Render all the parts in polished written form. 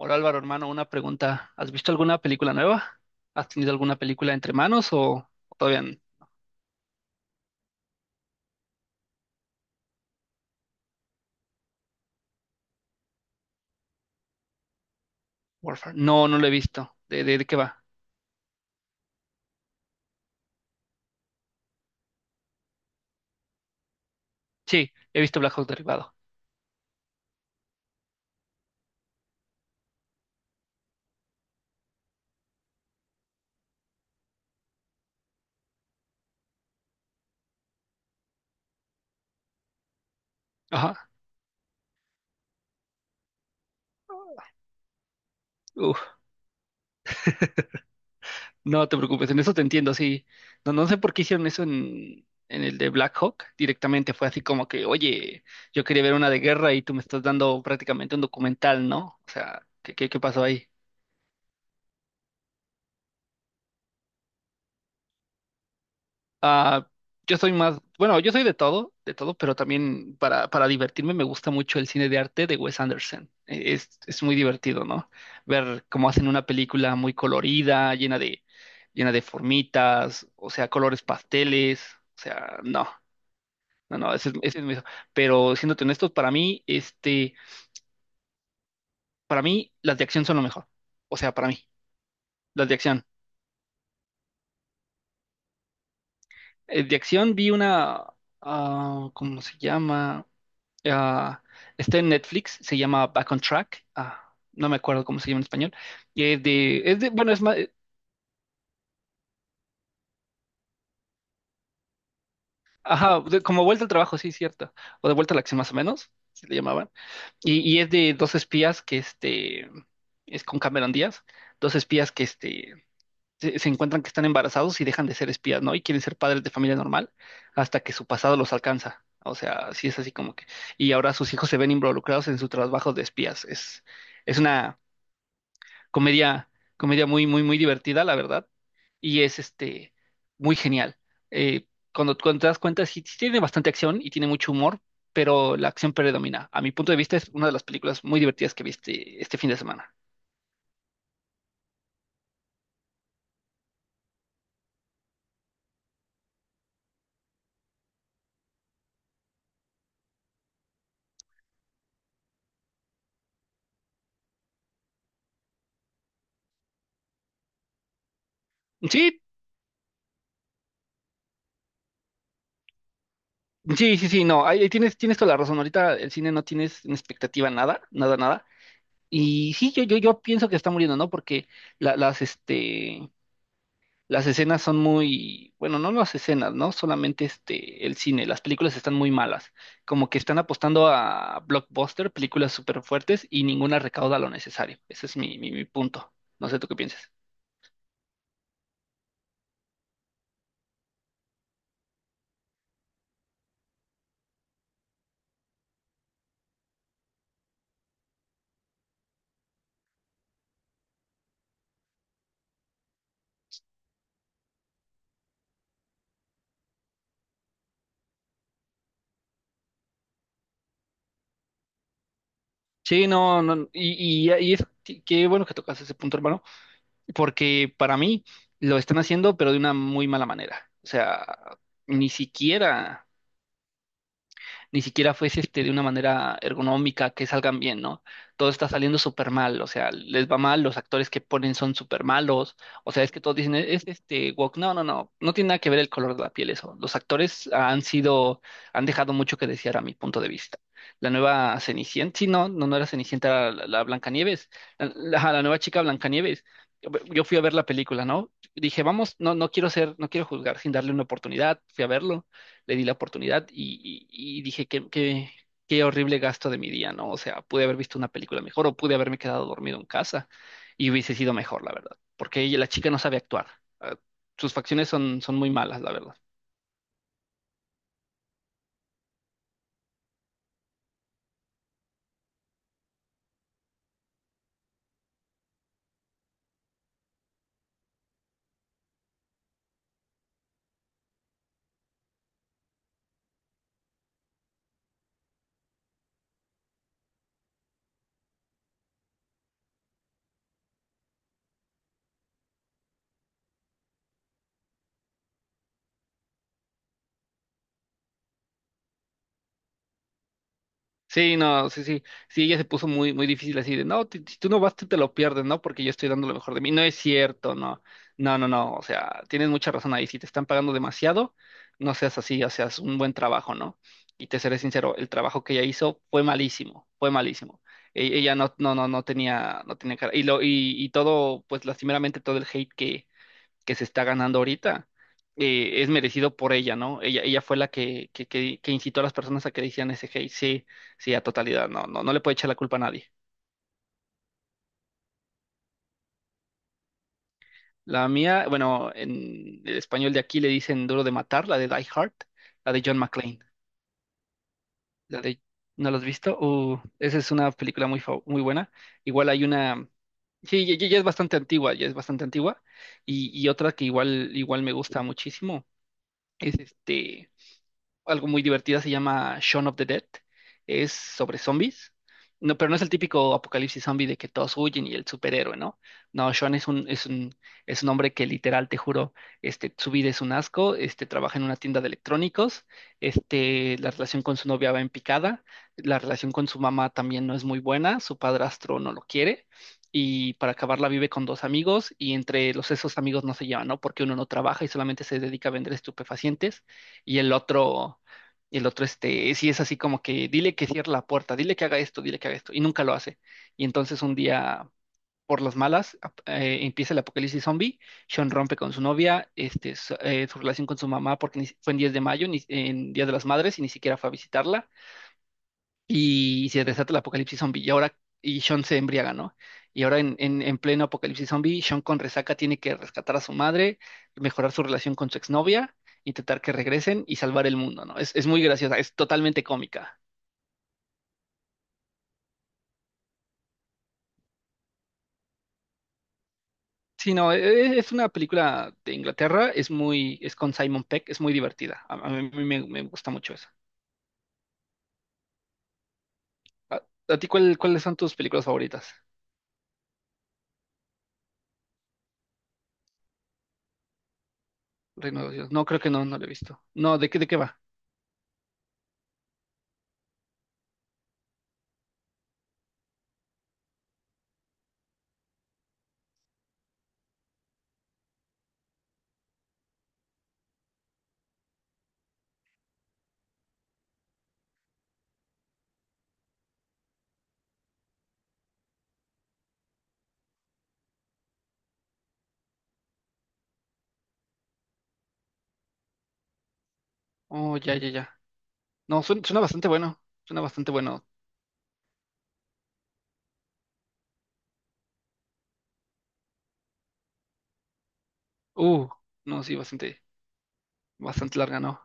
Hola Álvaro, hermano, una pregunta. ¿Has visto alguna película nueva? ¿Has tenido alguna película entre manos o todavía n- ¿Warfare? No, no lo he visto. ¿De qué va? Sí, he visto Black Hawk Derribado. Ajá. Uf, no te preocupes, en eso te entiendo, sí. No, no sé por qué hicieron eso en el de Black Hawk. Directamente fue así como que, oye, yo quería ver una de guerra y tú me estás dando prácticamente un documental, ¿no? O sea, ¿qué pasó ahí? Ah, yo soy más, bueno, yo soy de todo, pero también para divertirme me gusta mucho el cine de arte de Wes Anderson. Es muy divertido, ¿no? Ver cómo hacen una película muy colorida, llena de formitas, o sea, colores pasteles, o sea, no, no, no, ese es mi- Pero siéndote honestos, para mí, para mí las de acción son lo mejor. O sea, para mí, las de acción. De acción vi una, ah, ¿cómo se llama? Ah, está en Netflix, se llama Back on Track. Ah, no me acuerdo cómo se llama en español. Y es de, bueno, es más, ajá, de- como vuelta al trabajo, sí, cierto. O de vuelta a la acción más o menos, se le llamaban. Y es de dos espías que es con Cameron Díaz, dos espías que se encuentran que están embarazados y dejan de ser espías, ¿no? Y quieren ser padres de familia normal hasta que su pasado los alcanza. O sea, sí es así como que. Y ahora sus hijos se ven involucrados en su trabajo de espías. Es, es una comedia, comedia muy, muy, muy divertida, la verdad, y es muy genial. Eh, cuando te das cuenta, sí, sí tiene bastante acción y tiene mucho humor, pero la acción predomina. A mi punto de vista, es una de las películas muy divertidas que viste este fin de semana. Sí, sí, sí, sí, no, ahí tienes, tienes toda la razón. Ahorita el cine no tienes en expectativa nada, nada, nada. Y sí, yo pienso que está muriendo, ¿no? Porque la- las, este, Las escenas son muy, bueno, no las escenas, ¿no? Solamente el cine, las películas están muy malas, como que están apostando a blockbuster, películas súper fuertes y ninguna recauda lo necesario. Ese es mi punto. No sé tú qué piensas. Sí, no, no, qué bueno que tocas ese punto, hermano, porque para mí lo están haciendo, pero de una muy mala manera. O sea, ni siquiera ni siquiera fuese de una manera ergonómica que salgan bien, ¿no? Todo está saliendo súper mal, o sea, les va mal, los actores que ponen son súper malos, o sea, es que todos dicen, "Es woke, no, no, no, no tiene nada que ver el color de la piel eso, los actores han sido, han dejado mucho que desear a mi punto de vista. La nueva Cenicienta, sí, no, no, no era Cenicienta, era la Blancanieves, la nueva chica Blancanieves, yo fui a ver la película, ¿no? Dije, vamos, no, no quiero ser, no quiero juzgar sin darle una oportunidad, fui a verlo le di la oportunidad y dije qué horrible gasto de mi día, ¿no? O sea, pude haber visto una película mejor o pude haberme quedado dormido en casa y hubiese sido mejor, la verdad, porque ella, la chica no sabe actuar. Ah, sus facciones son muy malas, la verdad. Sí, no, sí, sí, sí, ella se puso muy, muy difícil así de, no, si tú no vas, tú te lo pierdes, ¿no? Porque yo estoy dando lo mejor de mí. No es cierto, no, no, no, no, o sea, tienes mucha razón ahí. Si te están pagando demasiado, no seas así, o sea, es un buen trabajo, ¿no? Y te seré sincero, el trabajo que ella hizo fue malísimo, fue malísimo. Ella no, no, no, no tenía, no tenía cara. Y todo, pues lastimeramente todo el hate que se está ganando ahorita, es merecido por ella, ¿no? Ella fue la que incitó a las personas a que decían ese hate, sí, sí, a totalidad, no, no, no le puede echar la culpa a nadie. La mía, bueno, en el español de aquí le dicen Duro de Matar, la de Die Hard, la de John McClane, la de, ¿no la has visto? Esa es una película muy buena. Igual hay una, sí, ya es bastante antigua, ya es bastante antigua, y otra que igual me gusta muchísimo, es algo muy divertida, se llama Shaun of the Dead. Es sobre zombies. No, pero no es el típico apocalipsis zombie de que todos huyen y el superhéroe, ¿no? No, Shaun es un hombre que literal, te juro, su vida es un asco, trabaja en una tienda de electrónicos, la relación con su novia va en picada, la relación con su mamá también no es muy buena, su padrastro no lo quiere, y para acabarla vive con dos amigos, y entre los esos amigos no se llevan, ¿no? Porque uno no trabaja y solamente se dedica a vender estupefacientes y el otro, y el otro, sí es así como que dile que cierre la puerta, dile que haga esto, dile que haga esto, y nunca lo hace. Y entonces un día, por las malas, empieza el apocalipsis zombie, Sean rompe con su novia, su relación con su mamá, porque ni si- fue en 10 de mayo, ni, en Día de las Madres, y ni siquiera fue a visitarla y se desata el apocalipsis zombie. Y ahora, y Sean se embriaga, ¿no? Y ahora en pleno apocalipsis zombie, Sean con resaca tiene que rescatar a su madre, mejorar su relación con su exnovia, intentar que regresen y salvar el mundo, ¿no? Es muy graciosa, es totalmente cómica. Sí, no, es una película de Inglaterra, es muy, es con Simon Peck, es muy divertida. A mí me, me gusta mucho eso. ¿A, a ti cuáles son tus películas favoritas? Reino de Dios. No, creo que no, no lo he visto. No, ¿de qué va? Oh, ya, ya, ya. No, suena, suena bastante bueno. Suena bastante bueno. Uh, no, sí, bastante, bastante larga, ¿no?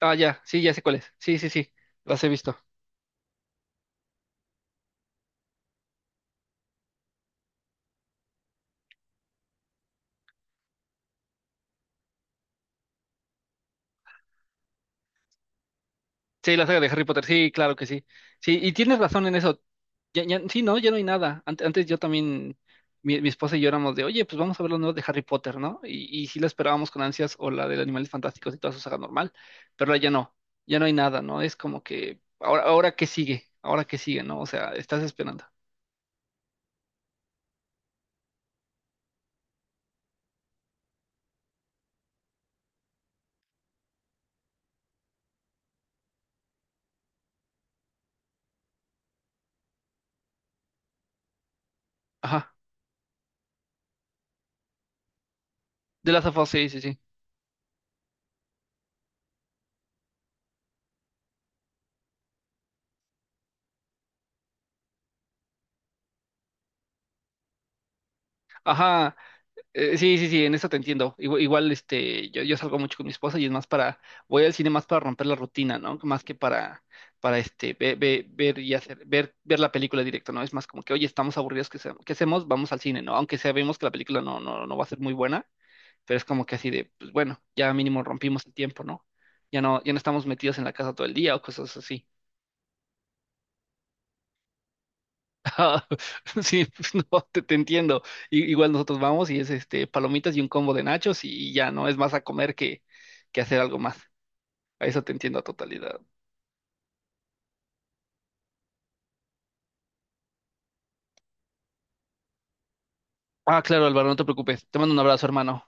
Ah, ya, sí, ya sé cuál es. Sí, sí, sí, las he visto. Sí, la saga de Harry Potter, sí, claro que sí. Sí, y tienes razón en eso. Ya, ya, sí, no, ya no hay nada. Antes, yo también, mi esposa y yo éramos de, oye, pues vamos a ver los nuevos de Harry Potter, ¿no? Y sí la esperábamos con ansias, o la de Animales Fantásticos y toda su saga normal, pero ahora ya no, ya no hay nada, ¿no? Es como que, ahora, ahora qué sigue, ¿no? O sea, estás esperando. Ajá, de las of Us, sí, sí, sí. Ajá. Sí, sí, sí, en eso te entiendo. Igual, igual, yo salgo mucho con mi esposa y es más para, voy al cine más para romper la rutina, ¿no? Más que para ver y hacer, ver, ver la película directo, ¿no? Es más como que, oye, estamos aburridos, ¿qué, qué hacemos? Vamos al cine, ¿no? Aunque sabemos que la película no va a ser muy buena, pero es como que así de, pues bueno, ya mínimo rompimos el tiempo, ¿no? Ya no, ya no estamos metidos en la casa todo el día o cosas así. Ah, sí, pues, no, te entiendo. Igual nosotros vamos y es palomitas y un combo de nachos y ya no es más a comer que hacer algo más. A eso te entiendo a totalidad. Ah, claro, Álvaro, no te preocupes. Te mando un abrazo, hermano.